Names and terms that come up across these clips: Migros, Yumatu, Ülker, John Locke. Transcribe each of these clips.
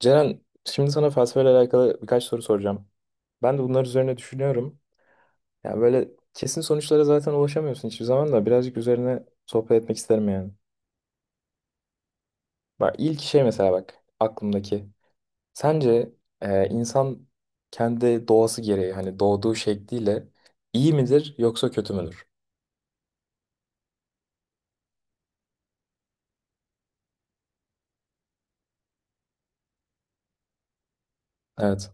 Ceren, şimdi sana felsefeyle alakalı birkaç soru soracağım. Ben de bunlar üzerine düşünüyorum. Yani böyle kesin sonuçlara zaten ulaşamıyorsun hiçbir zaman, da birazcık üzerine sohbet etmek isterim yani. Bak ilk şey mesela, bak aklımdaki. Sence insan kendi doğası gereği, hani doğduğu şekliyle, iyi midir yoksa kötü müdür? Evet.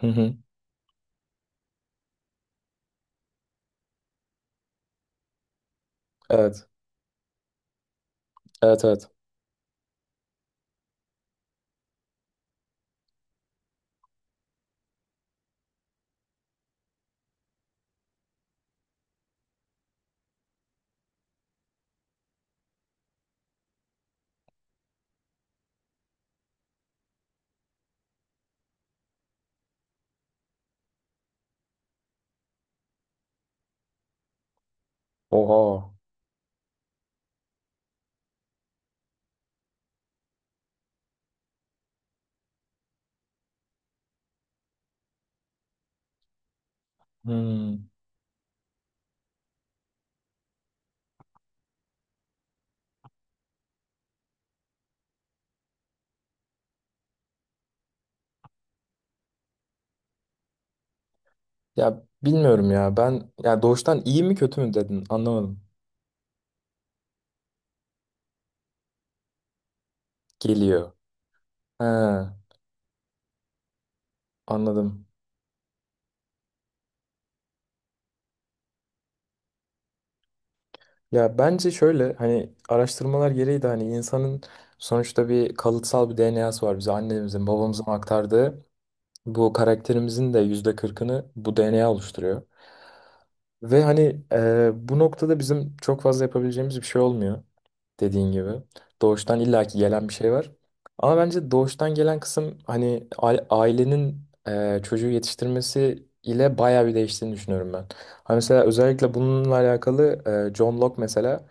Hı hı. Evet. Evet, evet. Oha. Hmm. Ya bilmiyorum ya, ben ya doğuştan iyi mi kötü mü dedin, anlamadım. Geliyor. He. Anladım. Ya bence şöyle, hani araştırmalar gereği de hani insanın sonuçta bir kalıtsal bir DNA'sı var. Bize annemizin babamızın aktardığı bu karakterimizin de %40'ını bu DNA oluşturuyor. Ve hani bu noktada bizim çok fazla yapabileceğimiz bir şey olmuyor, dediğin gibi. Doğuştan illaki gelen bir şey var. Ama bence doğuştan gelen kısım, hani ailenin çocuğu yetiştirmesi ile bayağı bir değiştiğini düşünüyorum ben. Hani mesela özellikle bununla alakalı John Locke mesela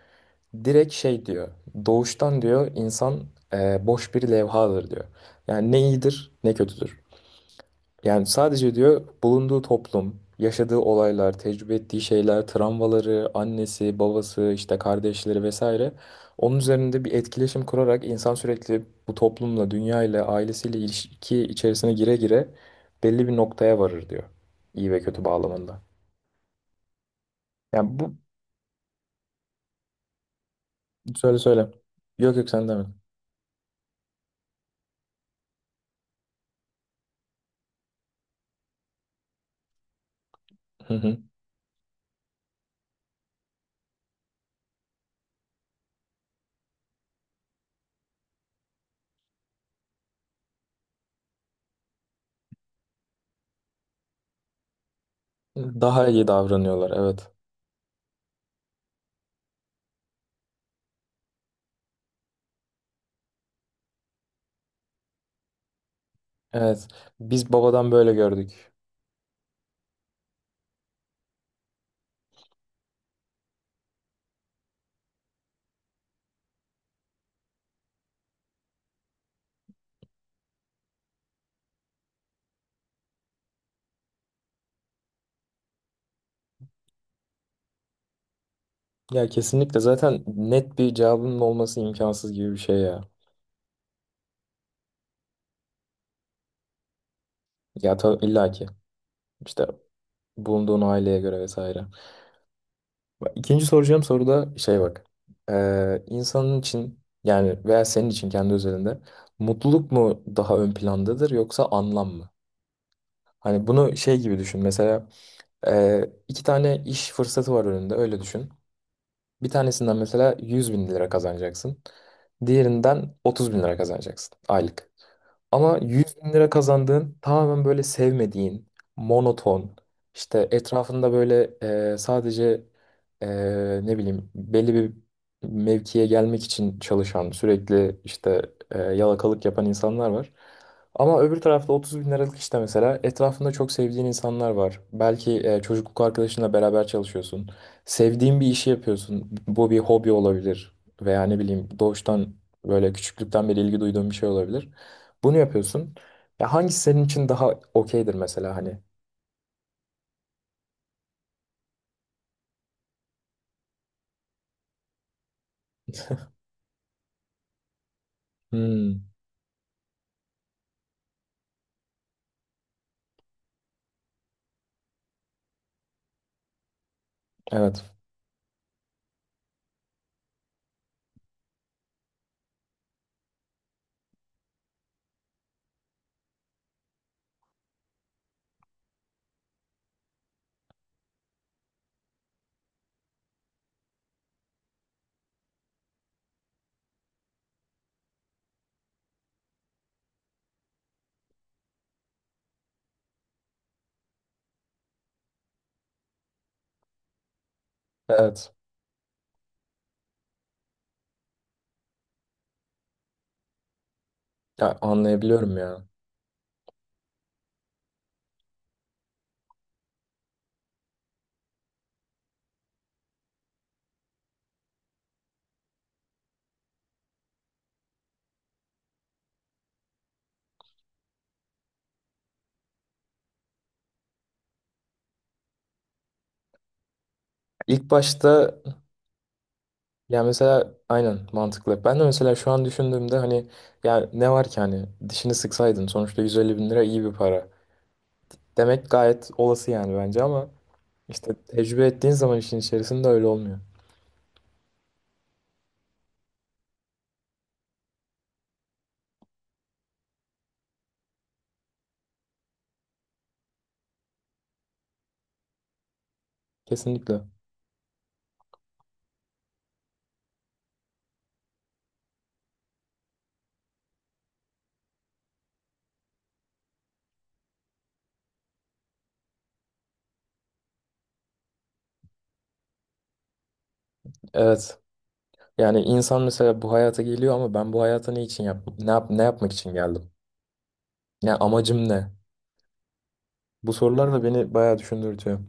direkt şey diyor. Doğuştan diyor insan boş bir levhadır diyor. Yani ne iyidir ne kötüdür. Yani sadece diyor, bulunduğu toplum, yaşadığı olaylar, tecrübe ettiği şeyler, travmaları, annesi, babası, işte kardeşleri vesaire. Onun üzerinde bir etkileşim kurarak insan sürekli bu toplumla, dünyayla, ailesiyle ilişki içerisine gire gire belli bir noktaya varır diyor. İyi ve kötü bağlamında. Yani bu söyle, söyle. Yok yok, sen deme. Hı hı. Daha iyi davranıyorlar, evet. Evet. Biz babadan böyle gördük. Ya kesinlikle, zaten net bir cevabının olması imkansız gibi bir şey ya. Ya tabii, illa ki. İşte bulunduğun aileye göre vesaire. Bak, İkinci soracağım soru da şey bak. İnsanın için yani veya senin için kendi özelinde mutluluk mu daha ön plandadır yoksa anlam mı? Hani bunu şey gibi düşün. Mesela iki tane iş fırsatı var önünde, öyle düşün. Bir tanesinden mesela 100 bin lira kazanacaksın. Diğerinden 30 bin lira kazanacaksın aylık. Ama 100 bin lira kazandığın tamamen böyle sevmediğin, monoton, işte etrafında böyle sadece, e, ne bileyim, belli bir mevkiye gelmek için çalışan, sürekli işte yalakalık yapan insanlar var. Ama öbür tarafta 30 bin liralık işte mesela etrafında çok sevdiğin insanlar var. Belki çocukluk arkadaşınla beraber çalışıyorsun. Sevdiğin bir işi yapıyorsun. Bu bir hobi olabilir veya ne bileyim doğuştan böyle küçüklükten beri ilgi duyduğun bir şey olabilir. Bunu yapıyorsun. Ya hangisi senin için daha okeydir mesela hani? Hmm, evet. Evet. Ya anlayabiliyorum ya. İlk başta ya mesela aynen, mantıklı. Ben de mesela şu an düşündüğümde hani, ya ne var ki hani, dişini sıksaydın sonuçta 150 bin lira iyi bir para. Demek gayet olası yani bence, ama işte tecrübe ettiğin zaman işin içerisinde öyle olmuyor. Kesinlikle. Evet. Yani insan mesela bu hayata geliyor, ama ben bu hayata ne için yap ne yap ne yapmak için geldim? Ya amacım ne? Bu sorular da beni bayağı düşündürtüyor.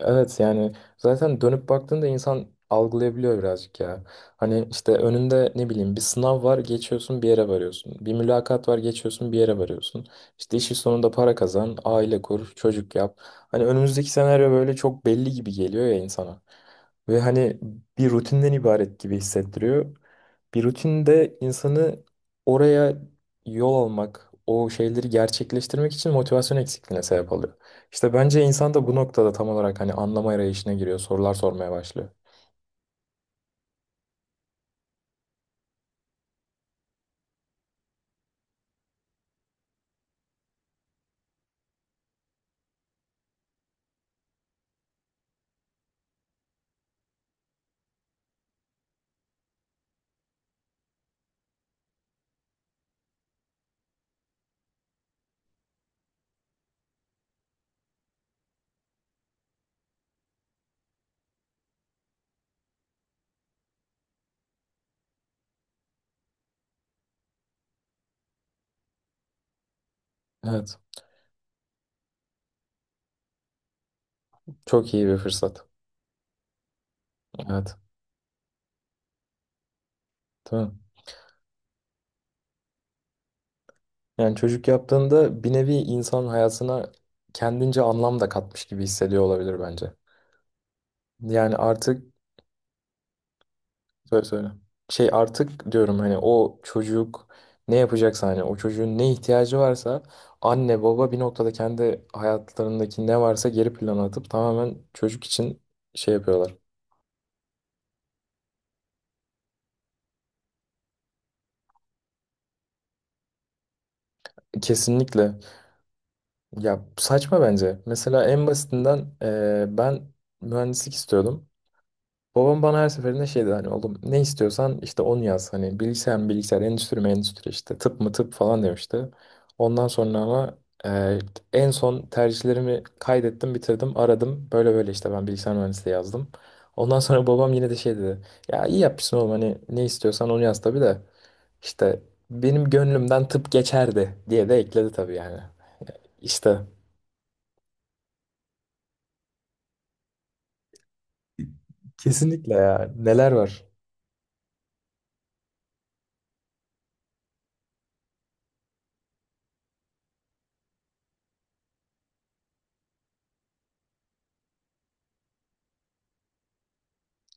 Evet yani zaten dönüp baktığında insan algılayabiliyor birazcık ya. Hani işte önünde ne bileyim bir sınav var, geçiyorsun, bir yere varıyorsun. Bir mülakat var, geçiyorsun, bir yere varıyorsun. İşte işin sonunda para kazan, aile kur, çocuk yap. Hani önümüzdeki senaryo böyle çok belli gibi geliyor ya insana. Ve hani bir rutinden ibaret gibi hissettiriyor. Bir rutinde insanı oraya yol almak, o şeyleri gerçekleştirmek için motivasyon eksikliğine sebep oluyor. İşte bence insan da bu noktada tam olarak hani anlama arayışına giriyor. Sorular sormaya başlıyor. Evet. Çok iyi bir fırsat. Evet. Tamam. Yani çocuk yaptığında bir nevi insan hayatına kendince anlam da katmış gibi hissediyor olabilir bence. Yani artık söyle, söyle. Şey artık diyorum, hani o çocuk ne yapacaksa, hani o çocuğun ne ihtiyacı varsa, anne baba bir noktada kendi hayatlarındaki ne varsa geri plana atıp tamamen çocuk için şey yapıyorlar. Kesinlikle. Ya saçma bence. Mesela en basitinden, ben mühendislik istiyordum. Babam bana her seferinde şey dedi, hani oğlum ne istiyorsan işte onu yaz. Hani bilgisayar mı bilgisayar, endüstri mi endüstri, işte tıp mı tıp falan demişti. Ondan sonra ama eee, en son tercihlerimi kaydettim, bitirdim, aradım. Böyle böyle işte ben bilgisayar mühendisliği yazdım. Ondan sonra babam yine de şey dedi. Ya iyi yapmışsın oğlum, hani ne istiyorsan onu yaz tabii de, işte benim gönlümden tıp geçerdi diye de ekledi tabii yani. İşte. Kesinlikle ya. Neler var.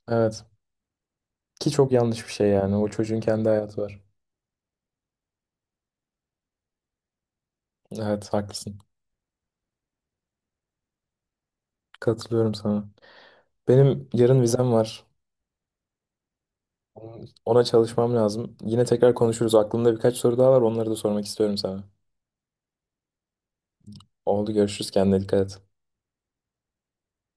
Evet. Ki çok yanlış bir şey yani. O çocuğun kendi hayatı var. Evet, haklısın. Katılıyorum sana. Benim yarın vizem var. Ona çalışmam lazım. Yine tekrar konuşuruz. Aklımda birkaç soru daha var. Onları da sormak istiyorum sana. Oldu, görüşürüz. Kendine dikkat et.